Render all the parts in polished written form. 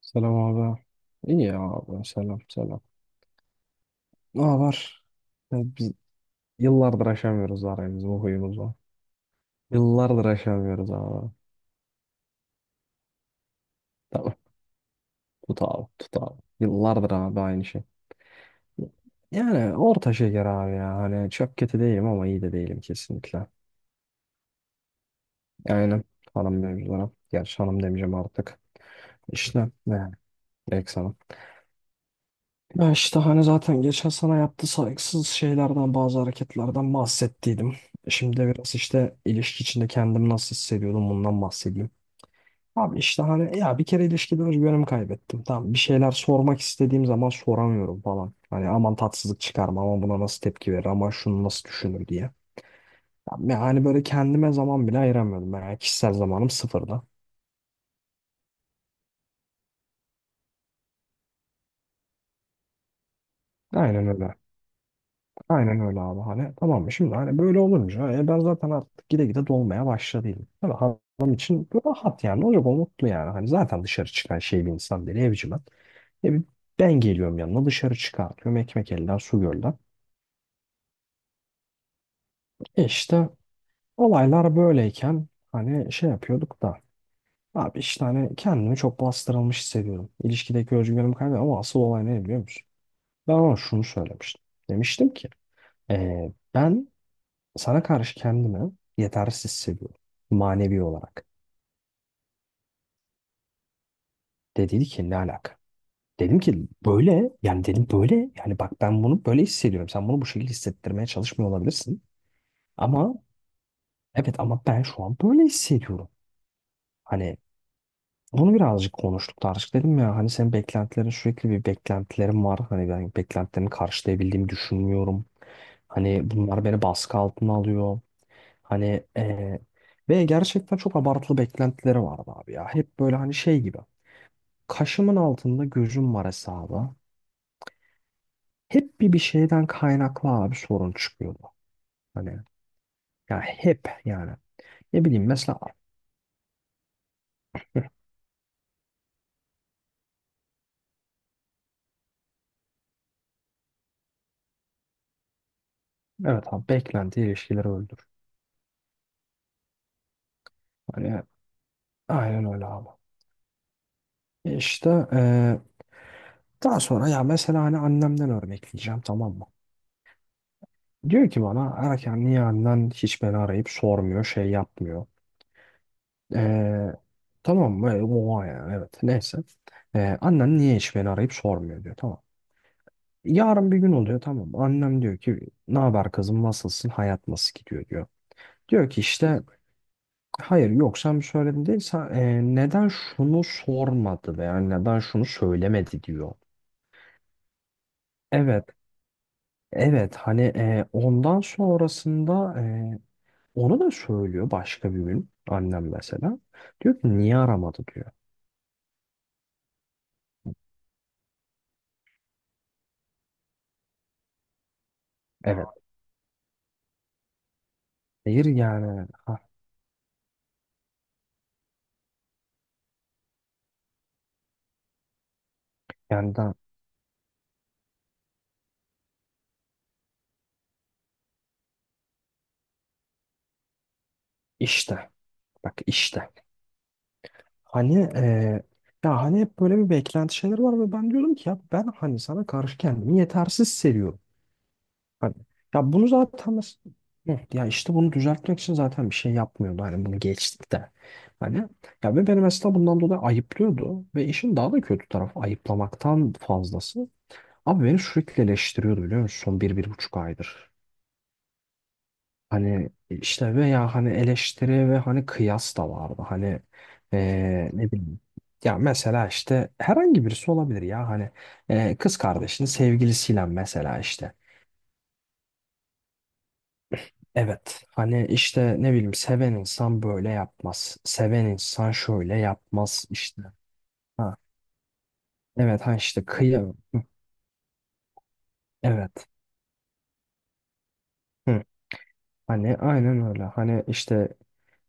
Selam abi. İyi ya abi. Selam selam. Ne var? Biz yıllardır aşamıyoruz aramızı bu huyumuzu. Yıllardır aşamıyoruz abi. Tamam. Tut abi. Tut abi. Yıllardır abi aynı şey. Yani orta şeker abi ya. Hani çok kötü değilim ama iyi de değilim kesinlikle. Aynen. Hanım mevzulara. Gerçi hanım demeyeceğim artık. İşte ne yani. Ya işte hani zaten geçen sana yaptığı saygısız şeylerden bazı hareketlerden bahsettiydim. Şimdi de biraz işte ilişki içinde kendimi nasıl hissediyordum bundan bahsedeyim. Abi işte hani ya bir kere ilişkiden özgüvenimi kaybettim. Tamam bir şeyler sormak istediğim zaman soramıyorum falan. Hani aman tatsızlık çıkarma ama buna nasıl tepki verir ama şunu nasıl düşünür diye. Yani böyle kendime zaman bile ayıramıyordum. Yani kişisel zamanım sıfırda. Aynen öyle. Aynen öyle abi hani tamam mı şimdi hani böyle olunca ben zaten artık gide gide dolmaya başladıydım. Tabii adam için rahat yani ne olacak o mutlu yani hani zaten dışarı çıkan şey bir insan değil evci ben. Bir ben geliyorum yanına dışarı çıkartıyorum ekmek elden su gölden. E işte olaylar böyleyken hani şey yapıyorduk da abi işte hani kendimi çok bastırılmış hissediyorum. İlişkideki özgüvenimi kaybediyorum ama asıl olay ne biliyor musun? Ben ona şunu söylemiştim. Demiştim ki ben sana karşı kendimi yetersiz hissediyorum. Manevi olarak. Dediydi ki ne alaka? Dedim ki böyle yani dedim böyle yani bak ben bunu böyle hissediyorum. Sen bunu bu şekilde hissettirmeye çalışmıyor olabilirsin. Ama evet ama ben şu an böyle hissediyorum. Hani bunu birazcık konuştuk tartıştık dedim ya hani senin beklentilerin sürekli bir beklentilerim var. Hani ben beklentilerimi karşılayabildiğimi düşünmüyorum. Hani bunlar beni baskı altına alıyor. Hani eee, ve gerçekten çok abartılı beklentileri vardı abi ya. Hep böyle hani şey gibi. Kaşımın altında gözüm var hesabı. Hep bir şeyden kaynaklı abi sorun çıkıyordu. Hani ya hep yani. Ne bileyim mesela evet abi beklenti ilişkileri öldür. Hani aynen öyle abi. E İşte daha sonra ya mesela hani annemden örnekleyeceğim tamam mı? Diyor ki bana erken niye annen hiç beni arayıp sormuyor şey yapmıyor. Ee, tamam mı? Oha yani evet neyse. Annen niye hiç beni arayıp sormuyor diyor tamam. Yarın bir gün oluyor tamam mı? Annem diyor ki ne haber kızım nasılsın hayat nasıl gidiyor diyor. Diyor ki işte hayır yok sen bir söyledin değil sen, neden şunu sormadı veya neden şunu söylemedi diyor. Evet. Evet hani ondan sonrasında onu da söylüyor başka bir gün annem mesela. Diyor ki niye aramadı diyor. Evet. Hayır yani. Ha, yani da işte. Bak işte. Hani ya hani hep böyle bir beklenti şeyler var ve ben diyordum ki ya ben hani sana karşı kendimi yetersiz seviyorum. Hani ya bunu zaten mes- hı, ya işte bunu düzeltmek için zaten bir şey yapmıyordu. Hani bunu geçtik de. Hani ya ve beni mesela bundan dolayı ayıplıyordu ve işin daha da kötü tarafı ayıplamaktan fazlası. Abi beni sürekli eleştiriyordu biliyor musun? Son bir, bir buçuk aydır. Hani işte veya hani eleştiri ve hani kıyas da vardı. Hani ne bileyim. Ya mesela işte herhangi birisi olabilir ya hani kız kardeşinin sevgilisiyle mesela işte. Evet hani işte ne bileyim seven insan böyle yapmaz. Seven insan şöyle yapmaz işte. Ha, evet hani işte kıyam. Hı, evet. Hı. Hani aynen öyle. Hani işte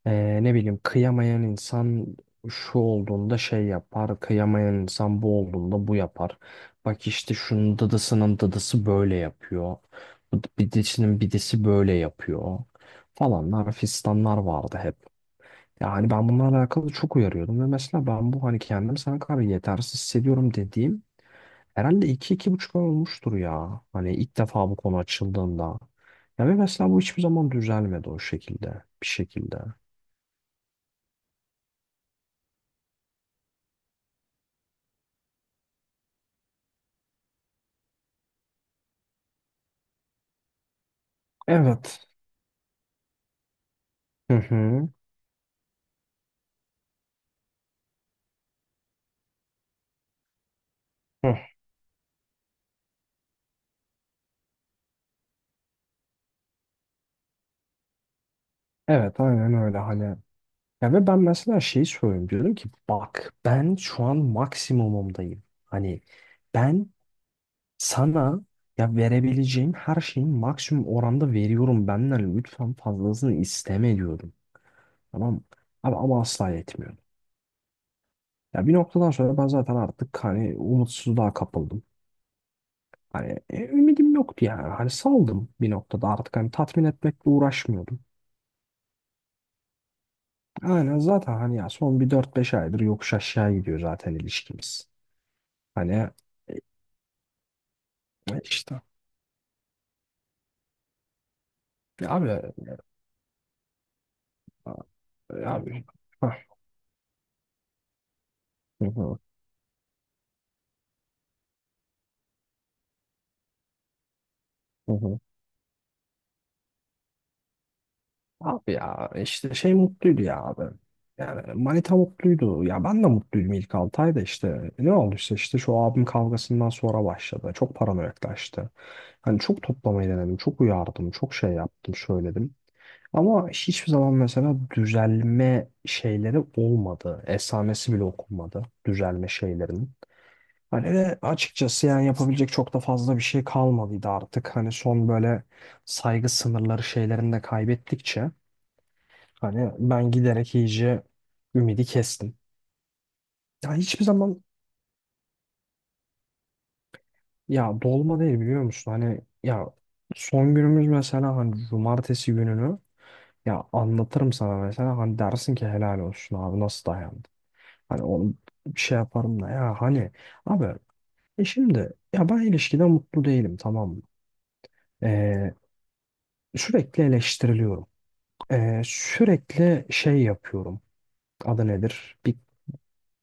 Ne bileyim kıyamayan insan şu olduğunda şey yapar, kıyamayan insan bu olduğunda bu yapar. Bak işte şunun dıdısının dıdısı böyle yapıyor. Bu bidisinin bidisi böyle yapıyor. Falanlar fistanlar vardı hep. Yani ben bunlarla alakalı çok uyarıyordum ve mesela ben bu hani kendimi sana kadar yetersiz hissediyorum dediğim herhalde iki 25 ay olmuştur ya. Hani ilk defa bu konu açıldığında. Ya ve mesela bu hiçbir zaman düzelmedi o şekilde, bir şekilde. Evet. Hı hı. Hı. Evet aynen öyle hani. Ya ve ben mesela şeyi söylüyorum diyorum ki bak ben şu an maksimumumdayım. Hani ben sana ya verebileceğim her şeyin maksimum oranda veriyorum benden lütfen fazlasını isteme diyorum. Tamam mı? Ama asla yetmiyor. Ya bir noktadan sonra ben zaten artık hani umutsuzluğa kapıldım. Hani ümidim yoktu yani. Hani saldım bir noktada artık hani tatmin etmekle uğraşmıyordum. Aynen zaten hani ya son bir dört beş aydır yokuş aşağı gidiyor zaten ilişkimiz. Hani e, işte ya abi e, e, abi Hah, hı hı, hı hı. Abi ya işte şey mutluydu ya abi. Yani manita mutluydu. Ya ben de mutluydum ilk 6 ayda işte. Ne olduysa işte şu abim kavgasından sonra başladı. Çok paranoyaklaştı. Hani çok toplamayı denedim. Çok uyardım. Çok şey yaptım. Söyledim. Ama hiçbir zaman mesela düzelme şeyleri olmadı. Esamesi bile okunmadı düzelme şeylerinin. Hani ve açıkçası yani yapabilecek çok da fazla bir şey kalmadıydı artık. Hani son böyle saygı sınırları şeylerini de kaybettikçe hani ben giderek iyice ümidi kestim. Ya hiçbir zaman ya dolma değil biliyor musun? Hani ya son günümüz mesela hani cumartesi gününü ya anlatırım sana mesela hani dersin ki helal olsun abi nasıl dayandı? Hani onu bir şey yaparım da ya hani abi şimdi ya ben ilişkide mutlu değilim tamam mı? Ee, sürekli eleştiriliyorum. Sürekli şey yapıyorum. Adı nedir? Bir,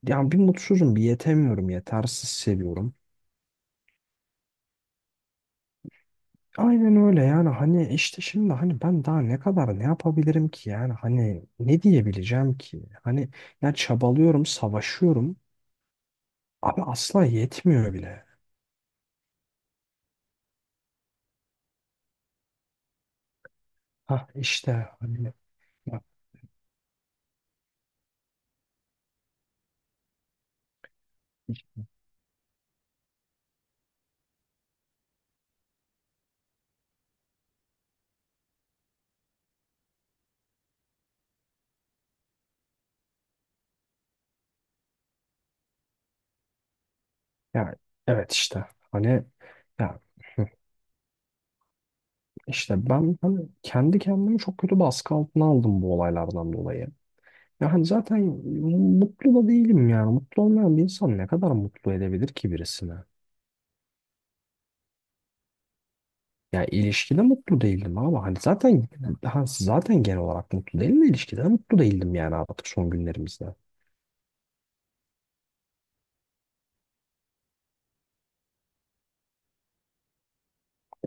yani bir mutsuzum, bir yetemiyorum, yetersiz seviyorum. Aynen öyle yani hani işte şimdi hani ben daha ne kadar ne yapabilirim ki yani hani ne diyebileceğim ki? Hani ya çabalıyorum, savaşıyorum. Abi asla yetmiyor bile. Hah işte hani ya evet işte hani ya hı, işte ben hani kendi kendimi çok kötü baskı altına aldım bu olaylardan dolayı. Ya hani zaten mutlu da değilim yani. Mutlu olmayan bir insan ne kadar mutlu edebilir ki birisini? Ya ilişkide mutlu değildim ama hani zaten ha, zaten genel olarak mutlu değilim de ilişkide de mutlu değildim yani artık son günlerimizde.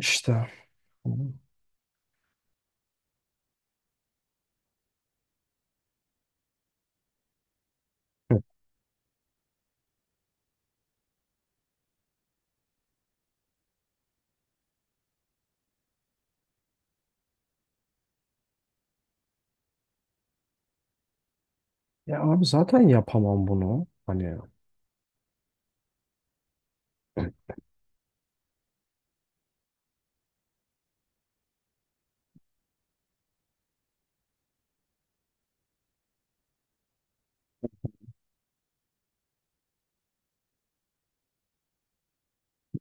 İşte hı. Ya abi zaten yapamam bunu. Hani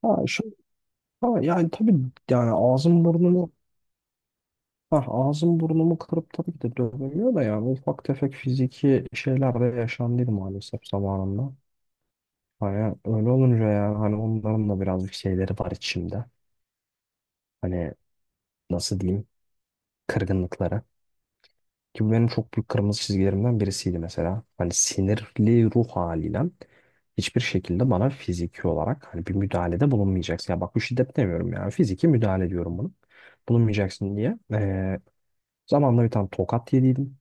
ya şu ha, yani tabii yani ağzım burnumu Ha, ağzım burnumu kırıp tabii ki de dövemiyor da yani ufak tefek fiziki şeyler de yaşandıydı maalesef zamanında. Hani öyle olunca yani hani onların da birazcık şeyleri var içimde. Hani nasıl diyeyim kırgınlıkları. Ki bu benim çok büyük kırmızı çizgilerimden birisiydi mesela. Hani sinirli ruh haliyle hiçbir şekilde bana fiziki olarak hani bir müdahalede bulunmayacaksın. Ya bak bu şiddet demiyorum yani fiziki müdahale diyorum bunu. Bulunmayacaksın diye. Zamanla bir tane tokat yediydim.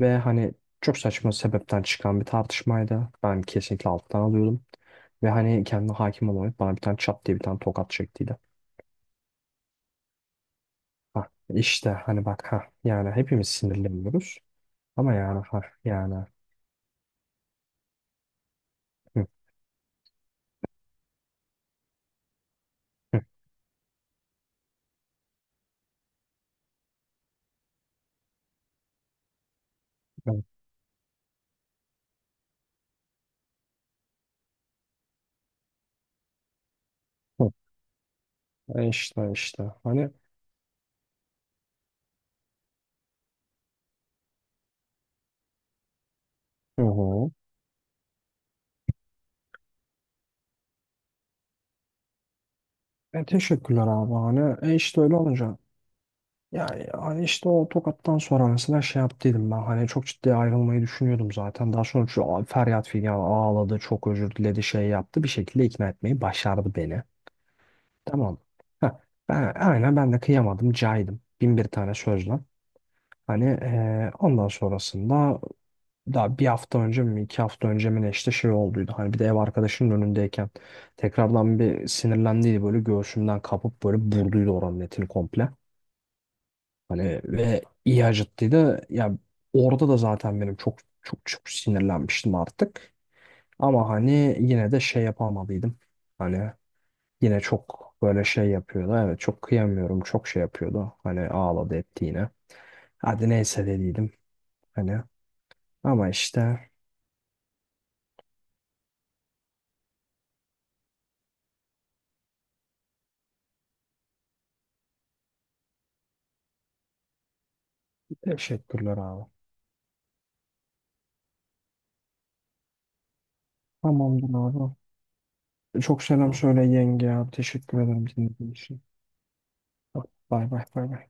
Ve hani çok saçma sebepten çıkan bir tartışmaydı. Ben kesinlikle alttan alıyordum. Ve hani kendine hakim olamayıp bana bir tane çat diye bir tane tokat çektiydi. Ha, işte hani bak ha yani hepimiz sinirleniyoruz. Ama yani ha yani hı, hı, hı, hı. E işte işte hani hı hı. E teşekkürler abi hani e işte öyle olunca yani hani işte o tokattan sonra mesela şey yaptıydım ben hani çok ciddi ayrılmayı düşünüyordum zaten. Daha sonra feryat figan ağladı çok özür diledi şey yaptı bir şekilde ikna etmeyi başardı beni. Tamam mı? Heh, ben, aynen ben de kıyamadım caydım bin bir tane sözle. Hani ondan sonrasında daha bir hafta önce mi iki hafta önce mi ne işte şey olduydu. Hani bir de ev arkadaşının önündeyken tekrardan bir sinirlendiydi böyle göğsümden kapıp böyle burduydu oranın etini komple. Hani ve iyi acıttıydı. Ya orada da zaten benim çok çok çok sinirlenmiştim artık. Ama hani yine de şey yapamadıydım. Hani yine çok böyle şey yapıyordu. Evet çok kıyamıyorum. Çok şey yapıyordu. Hani ağladı etti yine. Hadi neyse dediydim. Hani ama işte teşekkürler abi. Tamamdır abi. Çok selam tamam söyle yenge abi. Teşekkür ederim dinlediğin için. Bay bay bay.